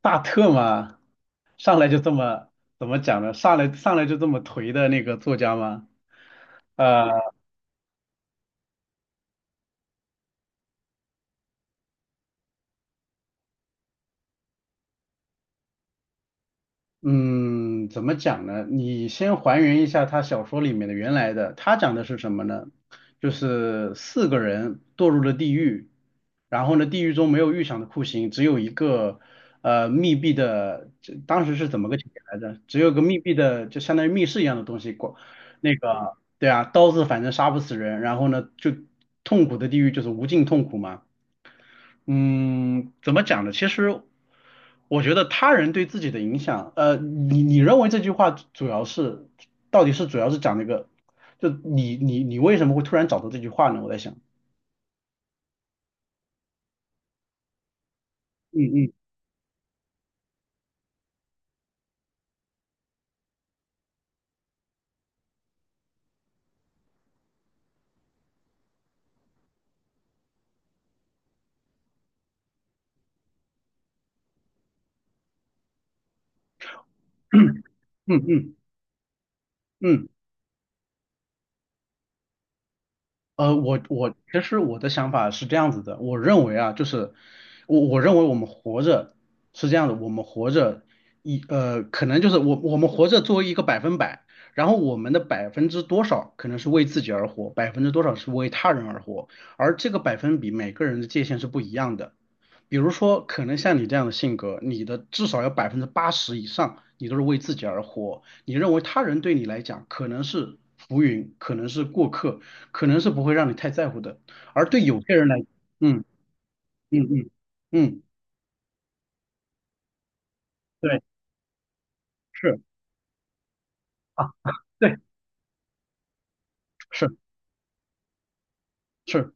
大特吗？上来就这么怎么讲呢？上来就这么颓的那个作家吗？呃嗯，怎么讲呢？你先还原一下他小说里面的原来的，他讲的是什么呢？就是四个人堕入了地狱，然后呢，地狱中没有预想的酷刑，只有一个密闭的，这当时是怎么个情节来着？只有个密闭的，就相当于密室一样的东西，那个对啊，刀子反正杀不死人，然后呢，就痛苦的地狱就是无尽痛苦嘛。嗯，怎么讲呢？其实我觉得他人对自己的影响，你认为这句话主要是，到底是主要是讲那个，就你为什么会突然找到这句话呢？我在想，嗯嗯嗯嗯嗯。我其实我的想法是这样子的，我认为啊，就是我认为我们活着是这样的，我们活着可能就是我们活着作为一个百分百，然后我们的百分之多少可能是为自己而活，百分之多少是为他人而活，而这个百分比每个人的界限是不一样的。比如说，可能像你这样的性格，你的至少有百分之八十以上，你都是为自己而活。你认为他人对你来讲可能是浮云，可能是过客，可能是不会让你太在乎的。而对有些人来，嗯嗯嗯嗯，对，是啊，对，是是。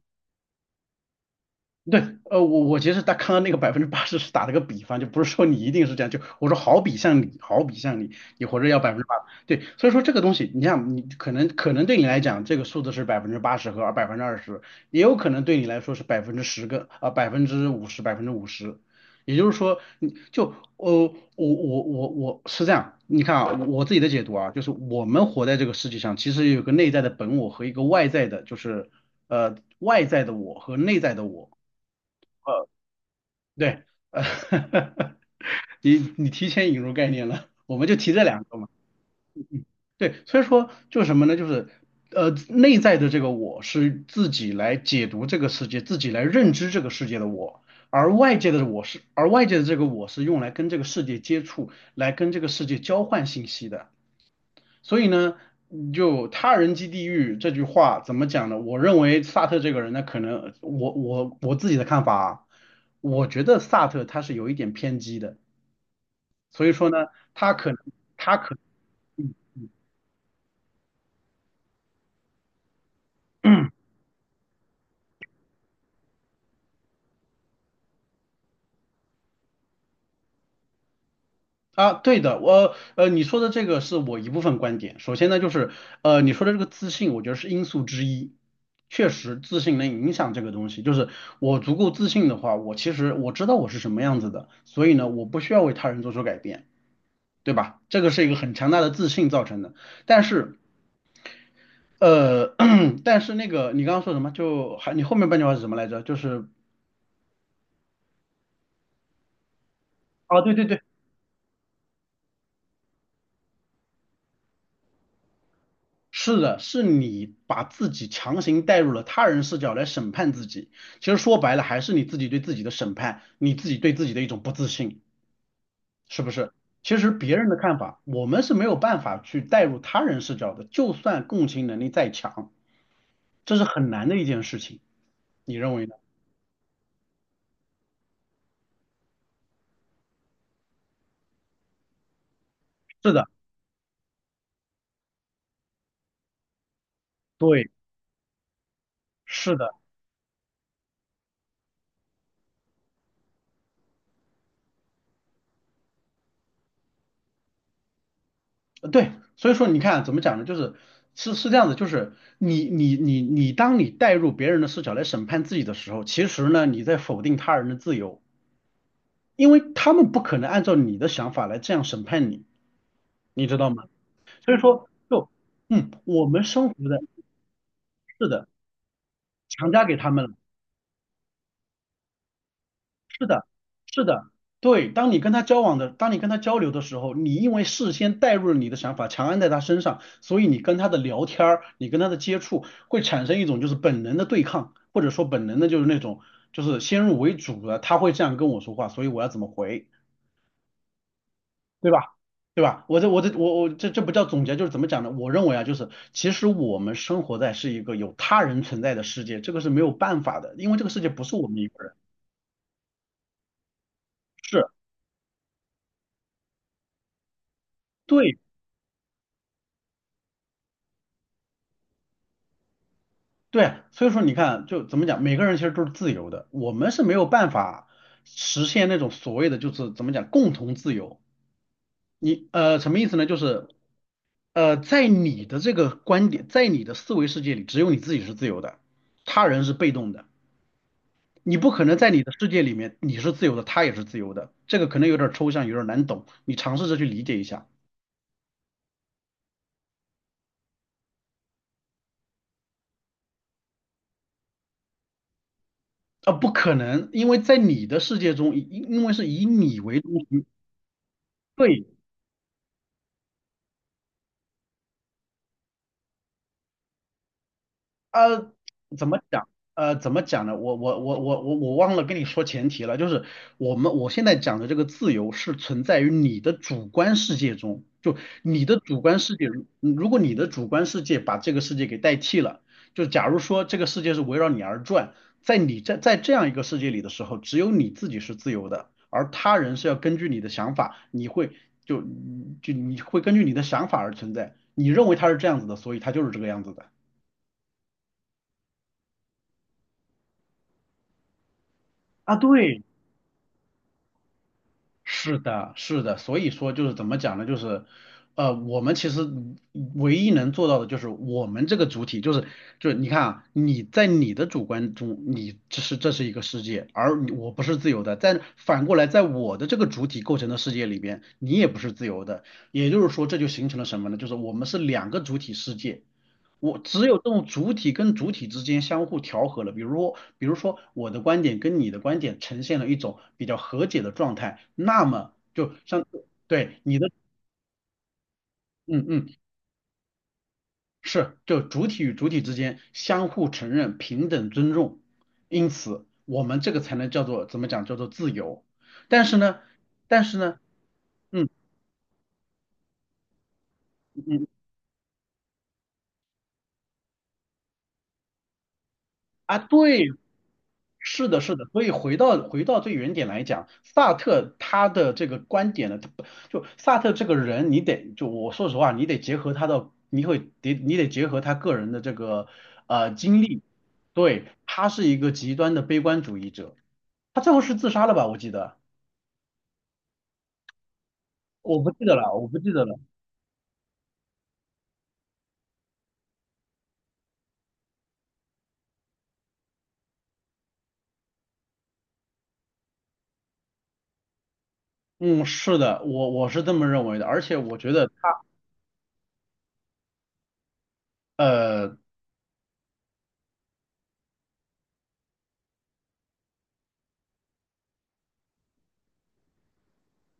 对，我其实他看到那个百分之八十是打了个比方，就不是说你一定是这样，就我说好比像你，好比像你，你活着要百分之八，对，所以说这个东西，你像你可能对你来讲，这个数字是百分之八十和百分之二十，也有可能对你来说是百分之十个啊百分之五十百分之五十，也就是说你就我是这样，你看啊，我自己的解读啊，就是我们活在这个世界上，其实有个内在的本我和一个外在的，就是外在的我和内在的我。对，呃，你提前引入概念了，我们就提这两个嘛。对，所以说就是什么呢？就是内在的这个我是自己来解读这个世界，自己来认知这个世界的我，而外界的我是，而外界的这个我是用来跟这个世界接触，来跟这个世界交换信息的。所以呢，就他人即地狱这句话怎么讲呢？我认为萨特这个人呢，可能我自己的看法啊，我觉得萨特他是有一点偏激的。所以说呢，他可能他可嗯啊，对的，我你说的这个是我一部分观点。首先呢，就是你说的这个自信，我觉得是因素之一。确实，自信能影响这个东西。就是我足够自信的话，我其实我知道我是什么样子的，所以呢，我不需要为他人做出改变。对吧？这个是一个很强大的自信造成的。但是，呃，但是那个你刚刚说什么？就还你后面半句话是什么来着？就是啊，对对对。是的，是你把自己强行带入了他人视角来审判自己。其实说白了，还是你自己对自己的审判，你自己对自己的一种不自信，是不是？其实别人的看法，我们是没有办法去带入他人视角的，就算共情能力再强，这是很难的一件事情。你认为呢？是的，对，是的，对。所以说，你看啊怎么讲呢？就是是这样子，就是你，当你带入别人的视角来审判自己的时候，其实呢，你在否定他人的自由。因为他们不可能按照你的想法来这样审判你，你知道吗？所以说，我们生活的是的，强加给他们了，是的，是的，对。当你跟他交往的，当你跟他交流的时候，你因为事先带入了你的想法，强按在他身上，所以你跟他的聊天儿，你跟他的接触会产生一种就是本能的对抗，或者说本能的就是那种就是先入为主的，他会这样跟我说话，所以我要怎么回？对吧？对吧？我这不叫总结，就是怎么讲呢？我认为啊，就是其实我们生活在是一个有他人存在的世界，这个是没有办法的，因为这个世界不是我们一个人，是对对，所以说你看，就怎么讲，每个人其实都是自由的，我们是没有办法实现那种所谓的就是怎么讲共同自由。你什么意思呢？就是在你的这个观点，在你的思维世界里，只有你自己是自由的，他人是被动的。你不可能在你的世界里面你是自由的，他也是自由的，这个可能有点抽象，有点难懂，你尝试着去理解一下。啊、不可能，因为在你的世界中，因为是以你为中心，对，呃，怎么讲？怎么讲呢？我忘了跟你说前提了，就是我现在讲的这个自由是存在于你的主观世界中，就你的主观世界，如果你的主观世界把这个世界给代替了，就假如说这个世界是围绕你而转，在你在这样一个世界里的时候，只有你自己是自由的，而他人是要根据你的想法，就你会根据你的想法而存在，你认为他是这样子的，所以他就是这个样子的。啊，对，是的，是的，所以说就是怎么讲呢？就是，我们其实唯一能做到的就是我们这个主体，就是你看啊，你在你的主观中，你这是一个世界，而你我不是自由的。在反过来，在我的这个主体构成的世界里边，你也不是自由的。也就是说，这就形成了什么呢？就是我们是两个主体世界。我只有这种主体跟主体之间相互调和了，比如说我的观点跟你的观点呈现了一种比较和解的状态，那么就像对你的，嗯嗯，是，就主体与主体之间相互承认、平等尊重，因此我们这个才能叫做怎么讲，叫做自由。但是呢，但是呢，嗯嗯嗯啊，对，是的，是的，所以回到最原点来讲，萨特他的这个观点呢，他不就萨特这个人，你得就我说实话，你得结合他的，你得结合他个人的这个经历，对，他是一个极端的悲观主义者，他最后是自杀了吧？我记得，我不记得了，我不记得了。嗯，是的，我是这么认为的，而且我觉得他呃嗯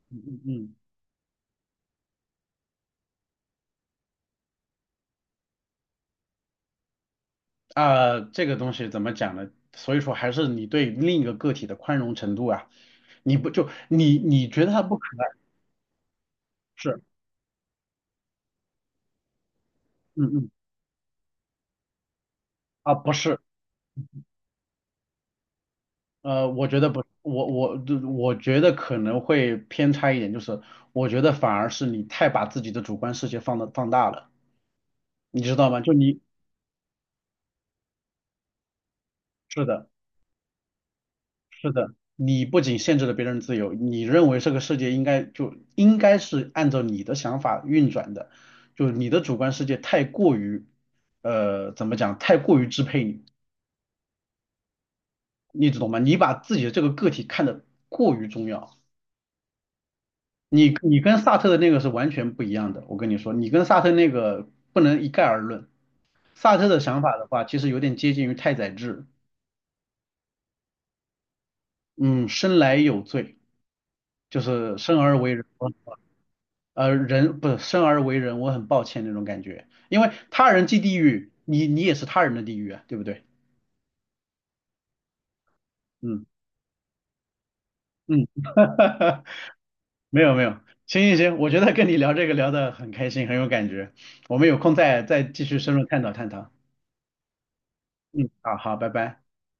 嗯。嗯这个东西怎么讲呢？所以说还是你对另一个个体的宽容程度啊，你觉得他不可能是，嗯嗯不是，我觉得不，我觉得可能会偏差一点，就是我觉得反而是你太把自己的主观世界放大了，你知道吗？是的。是的，你不仅限制了别人自由，你认为这个世界就应该是按照你的想法运转的，就是你的主观世界太过于，怎么讲，太过于支配你，你懂吗？你把自己的这个个体看得过于重要，你跟萨特的那个是完全不一样的，我跟你说，你跟萨特那个不能一概而论。萨特的想法的话，其实有点接近于太宰治，嗯，生来有罪，就是生而为人。人不是生而为人，我很抱歉那种感觉，因为他人即地狱，你也是他人的地狱啊，对不对？嗯嗯，没有没有，行行行，我觉得跟你聊这个聊得很开心，很有感觉，我们有空再继续深入探讨探讨。嗯，好好，拜拜。